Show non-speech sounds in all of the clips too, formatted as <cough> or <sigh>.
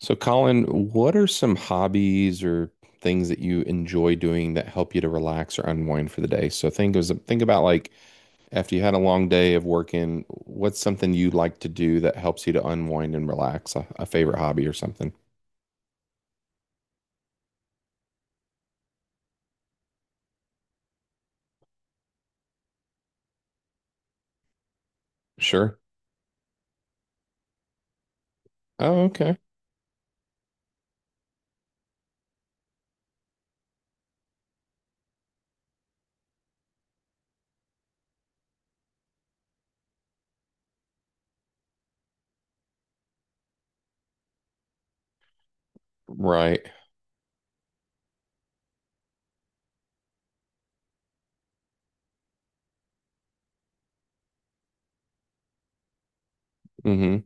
So, Colin, what are some hobbies or things that you enjoy doing that help you to relax or unwind for the day? So, think about, like, after you had a long day of working, what's something you like to do that helps you to unwind and relax? A favorite hobby or something? Sure. Oh, okay. Right. Mm-hmm.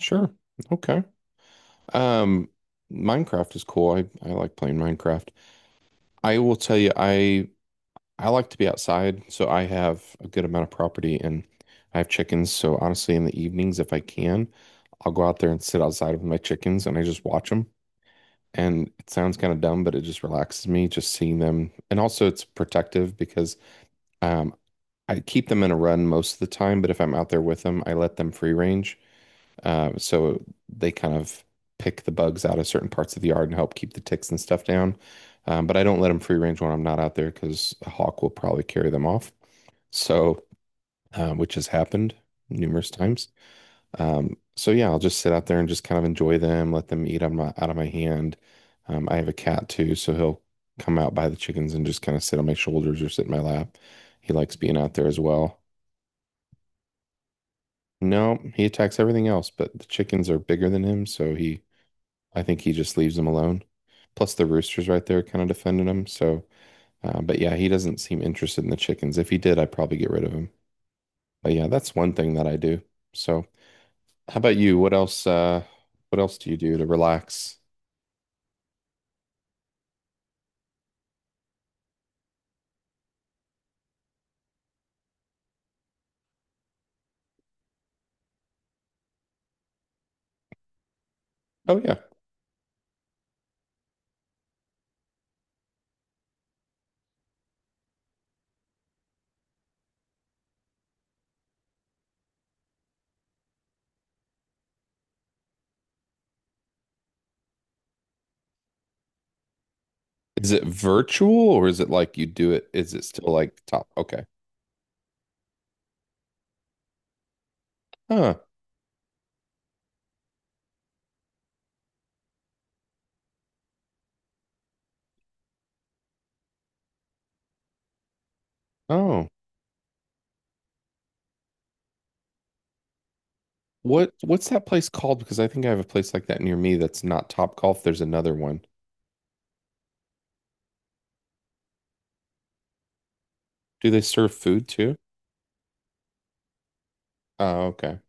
Sure. Okay. Um, Minecraft is cool. I like playing Minecraft. I will tell you, I like to be outside, so I have a good amount of property and I have chickens. So honestly, in the evenings, if I can, I'll go out there and sit outside with my chickens and I just watch them. And it sounds kind of dumb, but it just relaxes me just seeing them. And also, it's protective because um, I keep them in a run most of the time, but if I'm out there with them, I let them free range. So they kind of pick the bugs out of certain parts of the yard and help keep the ticks and stuff down. But I don't let them free range when I'm not out there because a hawk will probably carry them off. So, which has happened numerous times. So yeah, I'll just sit out there and just kind of enjoy them, let them eat on my out of my hand. I have a cat too, so he'll come out by the chickens and just kind of sit on my shoulders or sit in my lap. He likes being out there as well. No, he attacks everything else, but the chickens are bigger than him, so he I think he just leaves them alone. Plus the rooster's right there kind of defending him. So, but yeah, he doesn't seem interested in the chickens. If he did, I'd probably get rid of him. But yeah, that's one thing that I do. So. How about you? What else do you do to relax? Oh yeah. Is it virtual or is it like you do it? Is it still like top? Okay. Huh. Oh. What's that place called? Because I think I have a place like that near me that's not Top Golf. There's another one. Do they serve food too? Oh, okay.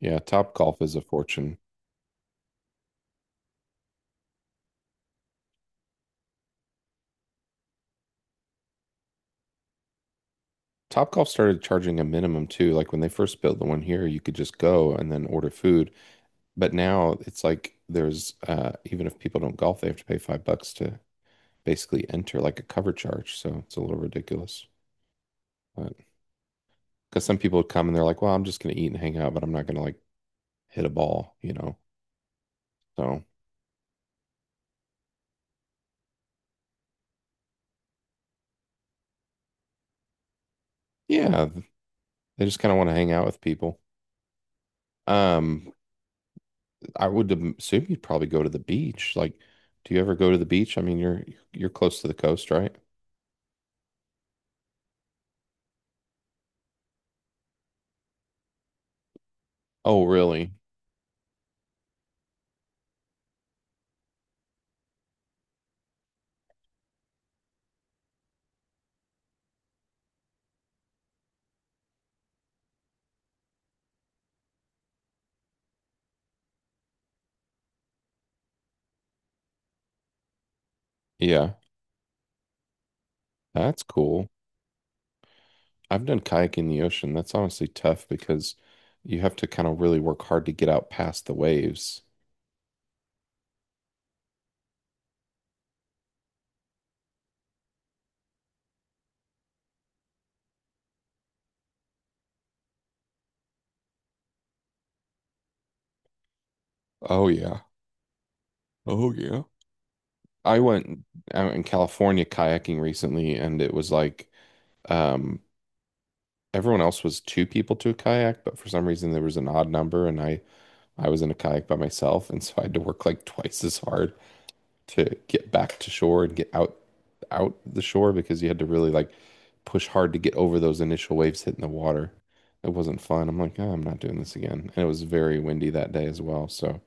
Yeah, Top Golf is a fortune. Top Golf started charging a minimum too. Like when they first built the one here, you could just go and then order food. But now it's like there's even if people don't golf, they have to pay $5 to basically enter like a cover charge. So it's a little ridiculous. Because some people would come and they're like, well, I'm just going to eat and hang out, but I'm not going to like hit a ball, you know? So yeah, they just kind of want to hang out with people. Um, I would assume you'd probably go to the beach. Like, do you ever go to the beach? I mean, you're close to the coast, right? Oh, really? Yeah, that's cool. I've done kayaking in the ocean. That's honestly tough because you have to kind of really work hard to get out past the waves. Oh yeah. Oh yeah. I went out in California kayaking recently, and it was like um, everyone else was two people to a kayak, but for some reason there was an odd number, and I was in a kayak by myself, and so I had to work like twice as hard to get back to shore and get out the shore because you had to really like push hard to get over those initial waves hitting the water. It wasn't fun. I'm like, oh, I'm not doing this again. And it was very windy that day as well. So,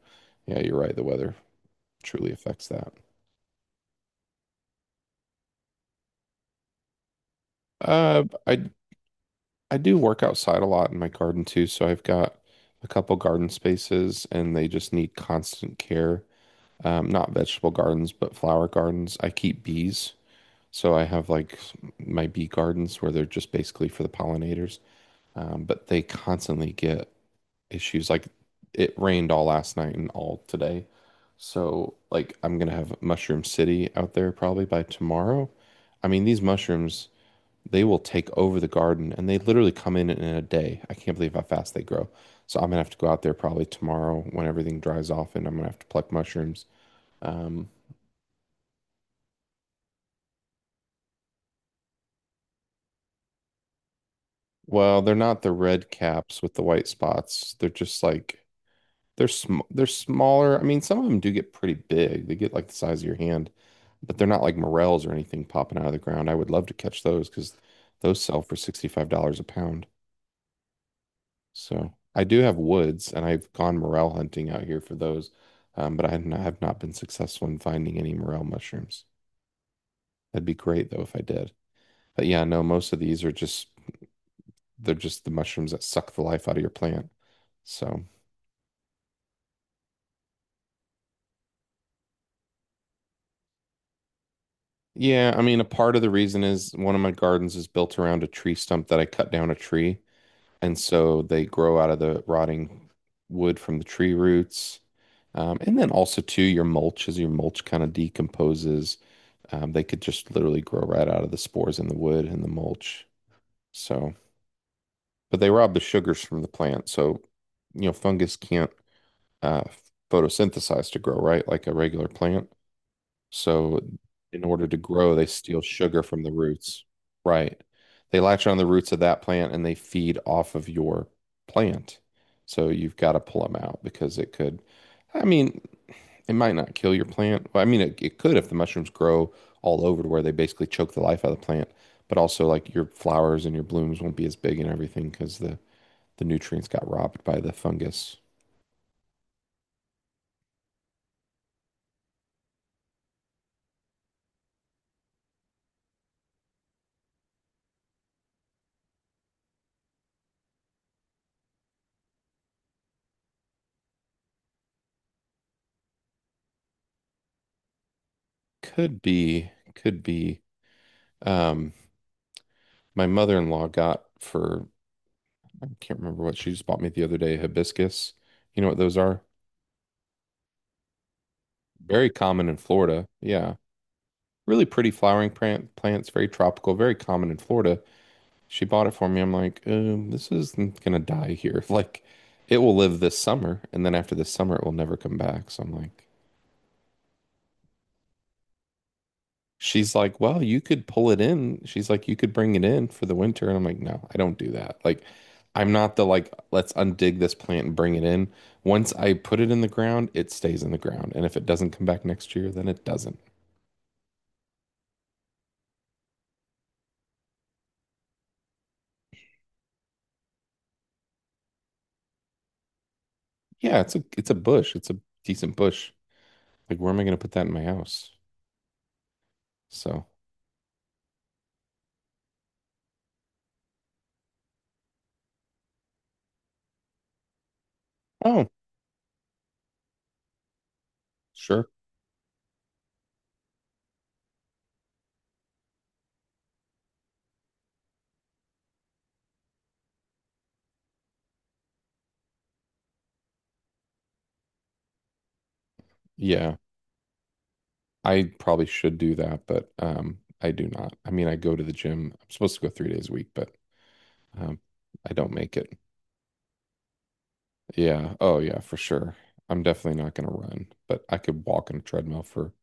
yeah, you're right. The weather truly affects that. Uh, I I do work outside a lot in my garden too, so I've got a couple garden spaces and they just need constant care. Not vegetable gardens, but flower gardens. I keep bees, so I have like my bee gardens where they're just basically for the pollinators. But they constantly get issues. Like it rained all last night and all today. So like I'm gonna have Mushroom City out there probably by tomorrow. I mean, these mushrooms they will take over the garden and they literally come in a day. I can't believe how fast they grow. So I'm gonna have to go out there probably tomorrow when everything dries off and I'm gonna have to pluck mushrooms. Um, well, they're not the red caps with the white spots. They're just like they're smaller. I mean, some of them do get pretty big. They get like the size of your hand, but they're not like morels or anything popping out of the ground. I would love to catch those because those sell for $65 a pound. So I do have woods, and I've gone morel hunting out here for those, but I have not been successful in finding any morel mushrooms. That'd be great though if I did. But yeah, no, most of these are just they're just the mushrooms that suck the life out of your plant. So yeah, I mean, a part of the reason is one of my gardens is built around a tree stump that I cut down a tree. And so they grow out of the rotting wood from the tree roots. And then also too, your mulch, as your mulch kind of decomposes, they could just literally grow right out of the spores in the wood and the mulch. So, but they rob the sugars from the plant. So, you know, fungus can't uh, photosynthesize to grow, right? Like a regular plant. So, in order to grow, they steal sugar from the roots. Right. They latch on the roots of that plant and they feed off of your plant. So, you've got to pull them out because it could, I mean, it might not kill your plant. Well, I mean, it could if the mushrooms grow all over to where they basically choke the life out of the plant. But also, like your flowers and your blooms won't be as big and everything because the nutrients got robbed by the fungus. Could be, could be. Um, my mother-in-law got for I can't remember what she just bought me the other day, hibiscus. You know what those are? Very common in Florida. Yeah. Really pretty flowering plants, very tropical, very common in Florida. She bought it for me. I'm like, this isn't gonna die here. <laughs> Like, it will live this summer, and then after this summer, it will never come back. So I'm like, she's like, well, you could pull it in. She's like, you could bring it in for the winter. And I'm like, no, I don't do that. Like, I'm not the like, let's undig this plant and bring it in. Once I put it in the ground, it stays in the ground. And if it doesn't come back next year, then it doesn't. Yeah, it's a bush. It's a decent bush. Like, where am I going to put that in my house? So, oh, sure. Yeah. I probably should do that, but I do not. I mean, I go to the gym. I'm supposed to go 3 days a week, but um I don't make it. Yeah. Oh, yeah, for sure. I'm definitely not going to run, but I could walk on a treadmill for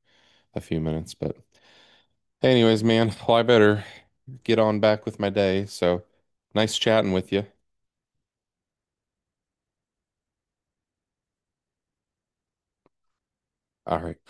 a few minutes. But, anyways, man, well, I better get on back with my day. So, nice chatting with you. All right.